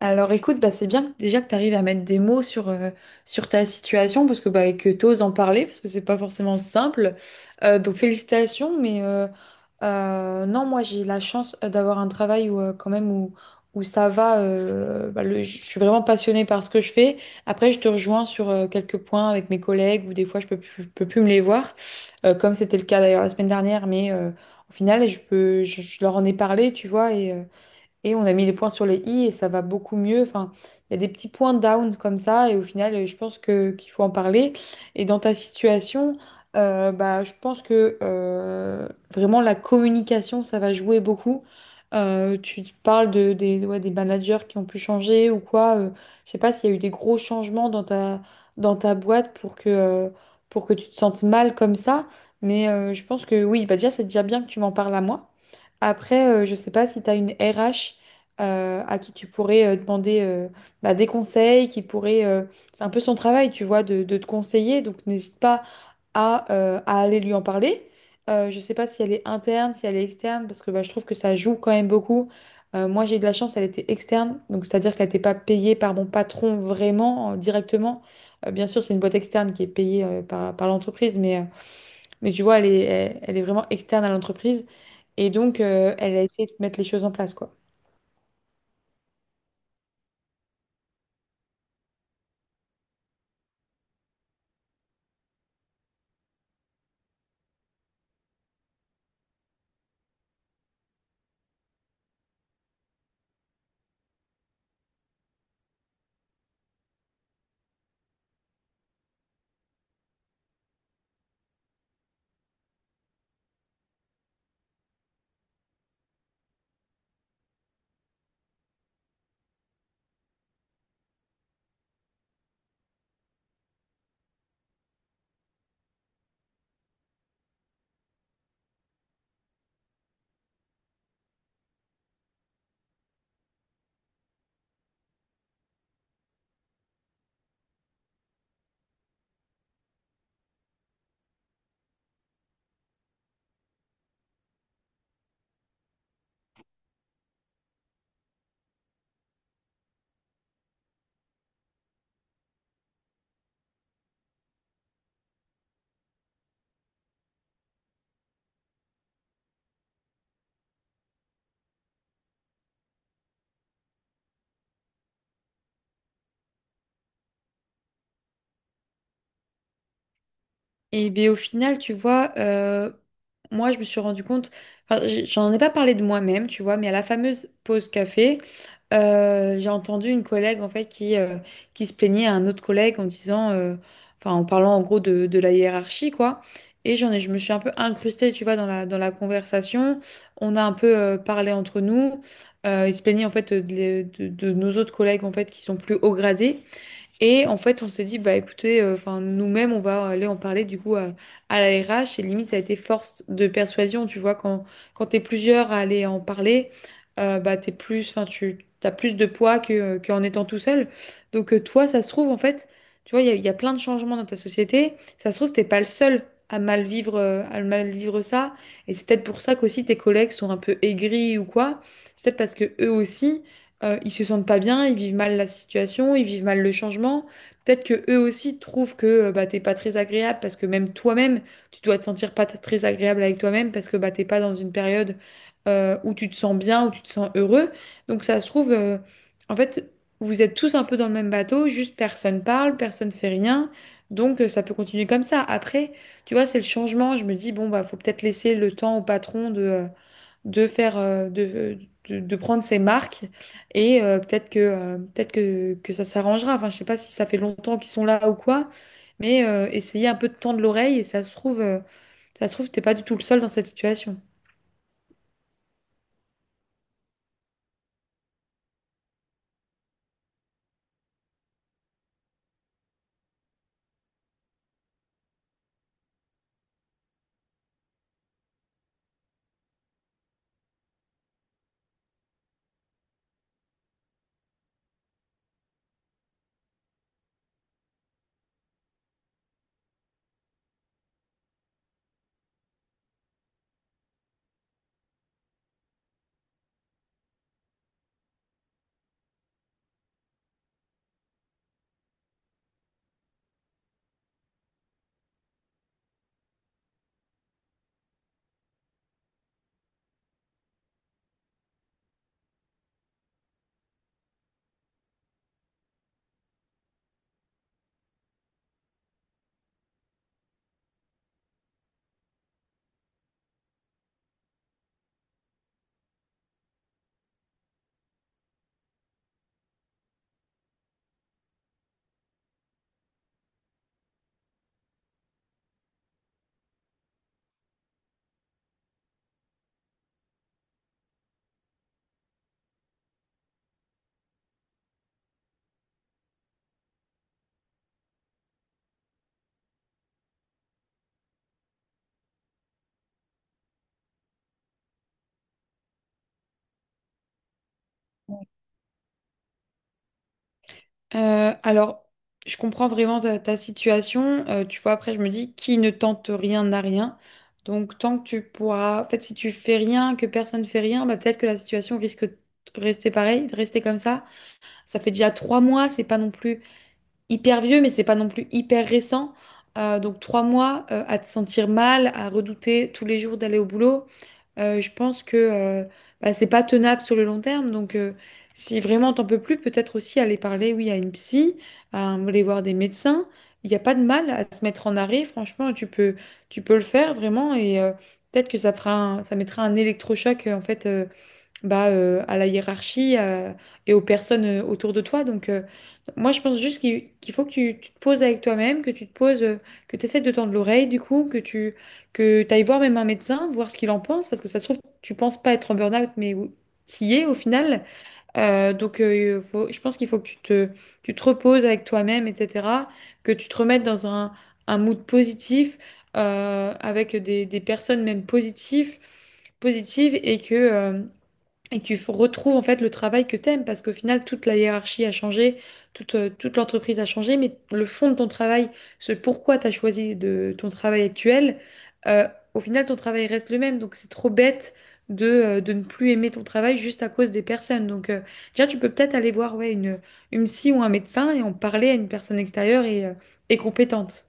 Alors écoute, bah, déjà que tu arrives à mettre des mots sur ta situation parce que bah, et que tu oses en parler parce que c'est pas forcément simple. Donc félicitations, mais non, moi j'ai la chance d'avoir un travail où quand même où ça va. Je suis vraiment passionnée par ce que je fais. Après, je te rejoins sur quelques points avec mes collègues où des fois je peux plus me les voir, comme c'était le cas d'ailleurs la semaine dernière, mais au final je leur en ai parlé, tu vois, et on a mis les points sur les i et ça va beaucoup mieux. Enfin, il y a des petits points down comme ça et au final, je pense que qu'il faut en parler. Et dans ta situation, je pense que vraiment la communication, ça va jouer beaucoup. Tu parles ouais, des managers qui ont pu changer ou quoi. Je sais pas s'il y a eu des gros changements dans dans ta boîte pour que pour que tu te sentes mal comme ça. Mais je pense que oui, bah déjà, c'est déjà bien que tu m'en parles à moi. Après, je sais pas si tu as une RH à qui tu pourrais demander bah, des conseils, qui pourrait, c'est un peu son travail, tu vois, de te conseiller, donc n'hésite pas à aller lui en parler. Je sais pas si elle est interne, si elle est externe, parce que bah, je trouve que ça joue quand même beaucoup. Moi, j'ai eu de la chance, elle était externe, donc c'est-à-dire qu'elle n'était pas payée par mon patron vraiment, directement. Bien sûr, c'est une boîte externe qui est payée par, par l'entreprise, mais tu vois, elle est, elle, elle est vraiment externe à l'entreprise. Et donc, elle a essayé de mettre les choses en place, quoi. Et bien au final, tu vois, moi je me suis rendu compte, j'en ai pas parlé de moi-même, tu vois, mais à la fameuse pause café, j'ai entendu une collègue en fait qui, qui se plaignait à un autre collègue en disant, enfin en parlant en gros de la hiérarchie quoi. Je me suis un peu incrustée, tu vois, dans dans la conversation. On a un peu parlé entre nous. Il se plaignait en fait de nos autres collègues en fait qui sont plus haut gradés. Et en fait, on s'est dit, bah écoutez, enfin, nous-mêmes, on va aller en parler du coup à la RH. Et limite, ça a été force de persuasion. Tu vois, quand t'es plusieurs à aller en parler, bah t'es plus, enfin, tu as plus de poids qu'en étant tout seul. Donc, toi, ça se trouve, en fait, tu vois, il y a plein de changements dans ta société. Ça se trouve, t'es pas le seul à mal vivre ça. Et c'est peut-être pour ça qu'aussi tes collègues sont un peu aigris ou quoi. C'est peut-être parce que eux aussi ils se sentent pas bien, ils vivent mal la situation, ils vivent mal le changement. Peut-être que eux aussi trouvent que bah, t'es pas très agréable parce que même toi-même, tu dois te sentir pas très agréable avec toi-même parce que bah, t'es pas dans une période où tu te sens bien, où tu te sens heureux. Donc ça se trouve, en fait, vous êtes tous un peu dans le même bateau, juste personne parle, personne fait rien. Donc ça peut continuer comme ça. Après, tu vois, c'est le changement. Je me dis, bon, bah, faut peut-être laisser le temps au patron de de faire de prendre ces marques et peut-être que, peut-être que ça s'arrangera. Enfin, je sais pas si ça fait longtemps qu'ils sont là ou quoi, mais essayez un peu de tendre l'oreille et ça se trouve t'es pas du tout le seul dans cette situation. Alors, je comprends vraiment ta situation. Tu vois, après, je me dis, qui ne tente rien n'a rien. Donc, tant que tu pourras... En fait, si tu fais rien, que personne ne fait rien, bah, peut-être que la situation risque de rester pareille, de rester comme ça. Ça fait déjà trois mois, c'est pas non plus hyper vieux, mais c'est pas non plus hyper récent. Donc trois mois à te sentir mal, à redouter tous les jours d'aller au boulot, je pense que bah, c'est pas tenable sur le long terme. Donc si vraiment t'en peux plus, peut-être aussi aller parler, oui, à une psy, à aller voir des médecins. Il n'y a pas de mal à se mettre en arrêt, franchement, tu peux le faire vraiment et peut-être que ça mettra un électrochoc à la hiérarchie et aux personnes autour de toi. Donc, moi, je pense juste qu'il faut que tu te poses avec toi-même, que tu te poses, que tu essaies de tendre l'oreille, du coup, que t'ailles voir même un médecin, voir ce qu'il en pense, parce que ça se trouve, tu penses pas être en burn-out, mais qui est au final. Je pense qu'il faut que tu te reposes avec toi-même, etc., que tu te remettes dans un mood positif, avec des personnes même positives et que tu retrouves en fait le travail que t'aimes parce qu'au final toute la hiérarchie a changé, toute l'entreprise a changé, mais le fond de ton travail, ce pourquoi tu as choisi de ton travail actuel, euh, au final ton travail reste le même. Donc c'est trop bête de ne plus aimer ton travail juste à cause des personnes. Donc déjà tu peux peut-être aller voir ouais, une psy ou un médecin et en parler à une personne extérieure et compétente.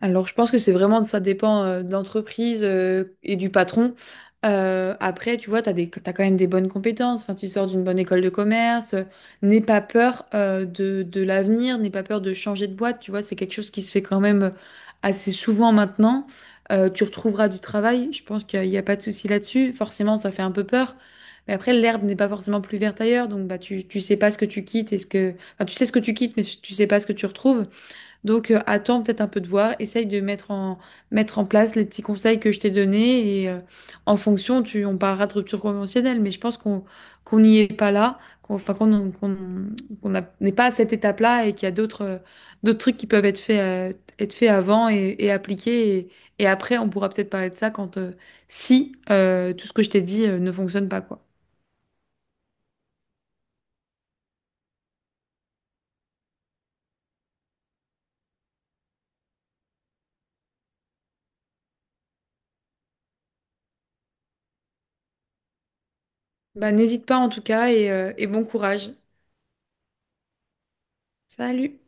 Alors, je pense que c'est vraiment, ça dépend de l'entreprise et du patron. Après, tu vois, t'as quand même des bonnes compétences. Enfin, tu sors d'une bonne école de commerce. N'aie pas peur de l'avenir, n'aie pas peur de changer de boîte. Tu vois, c'est quelque chose qui se fait quand même assez souvent maintenant. Tu retrouveras du travail. Je pense qu'il n'y a pas de souci là-dessus. Forcément, ça fait un peu peur. Mais après, l'herbe n'est pas forcément plus verte ailleurs. Donc, bah, tu sais pas ce que tu quittes et ce que, enfin, tu sais ce que tu quittes, mais tu sais pas ce que tu retrouves. Donc, attends peut-être un peu de voir, essaye de mettre mettre en place les petits conseils que je t'ai donnés et en fonction, on parlera de rupture conventionnelle, mais je pense qu'on n'y est pas là, qu'on enfin, qu'on qu'on- qu'on n'a- n'est pas à cette étape-là et qu'il y a d'autres d'autres trucs qui peuvent être faits avant et appliqués. Et après, on pourra peut-être parler de ça quand si tout ce que je t'ai dit ne fonctionne pas, quoi. Bah, n'hésite pas en tout cas et et bon courage. Salut!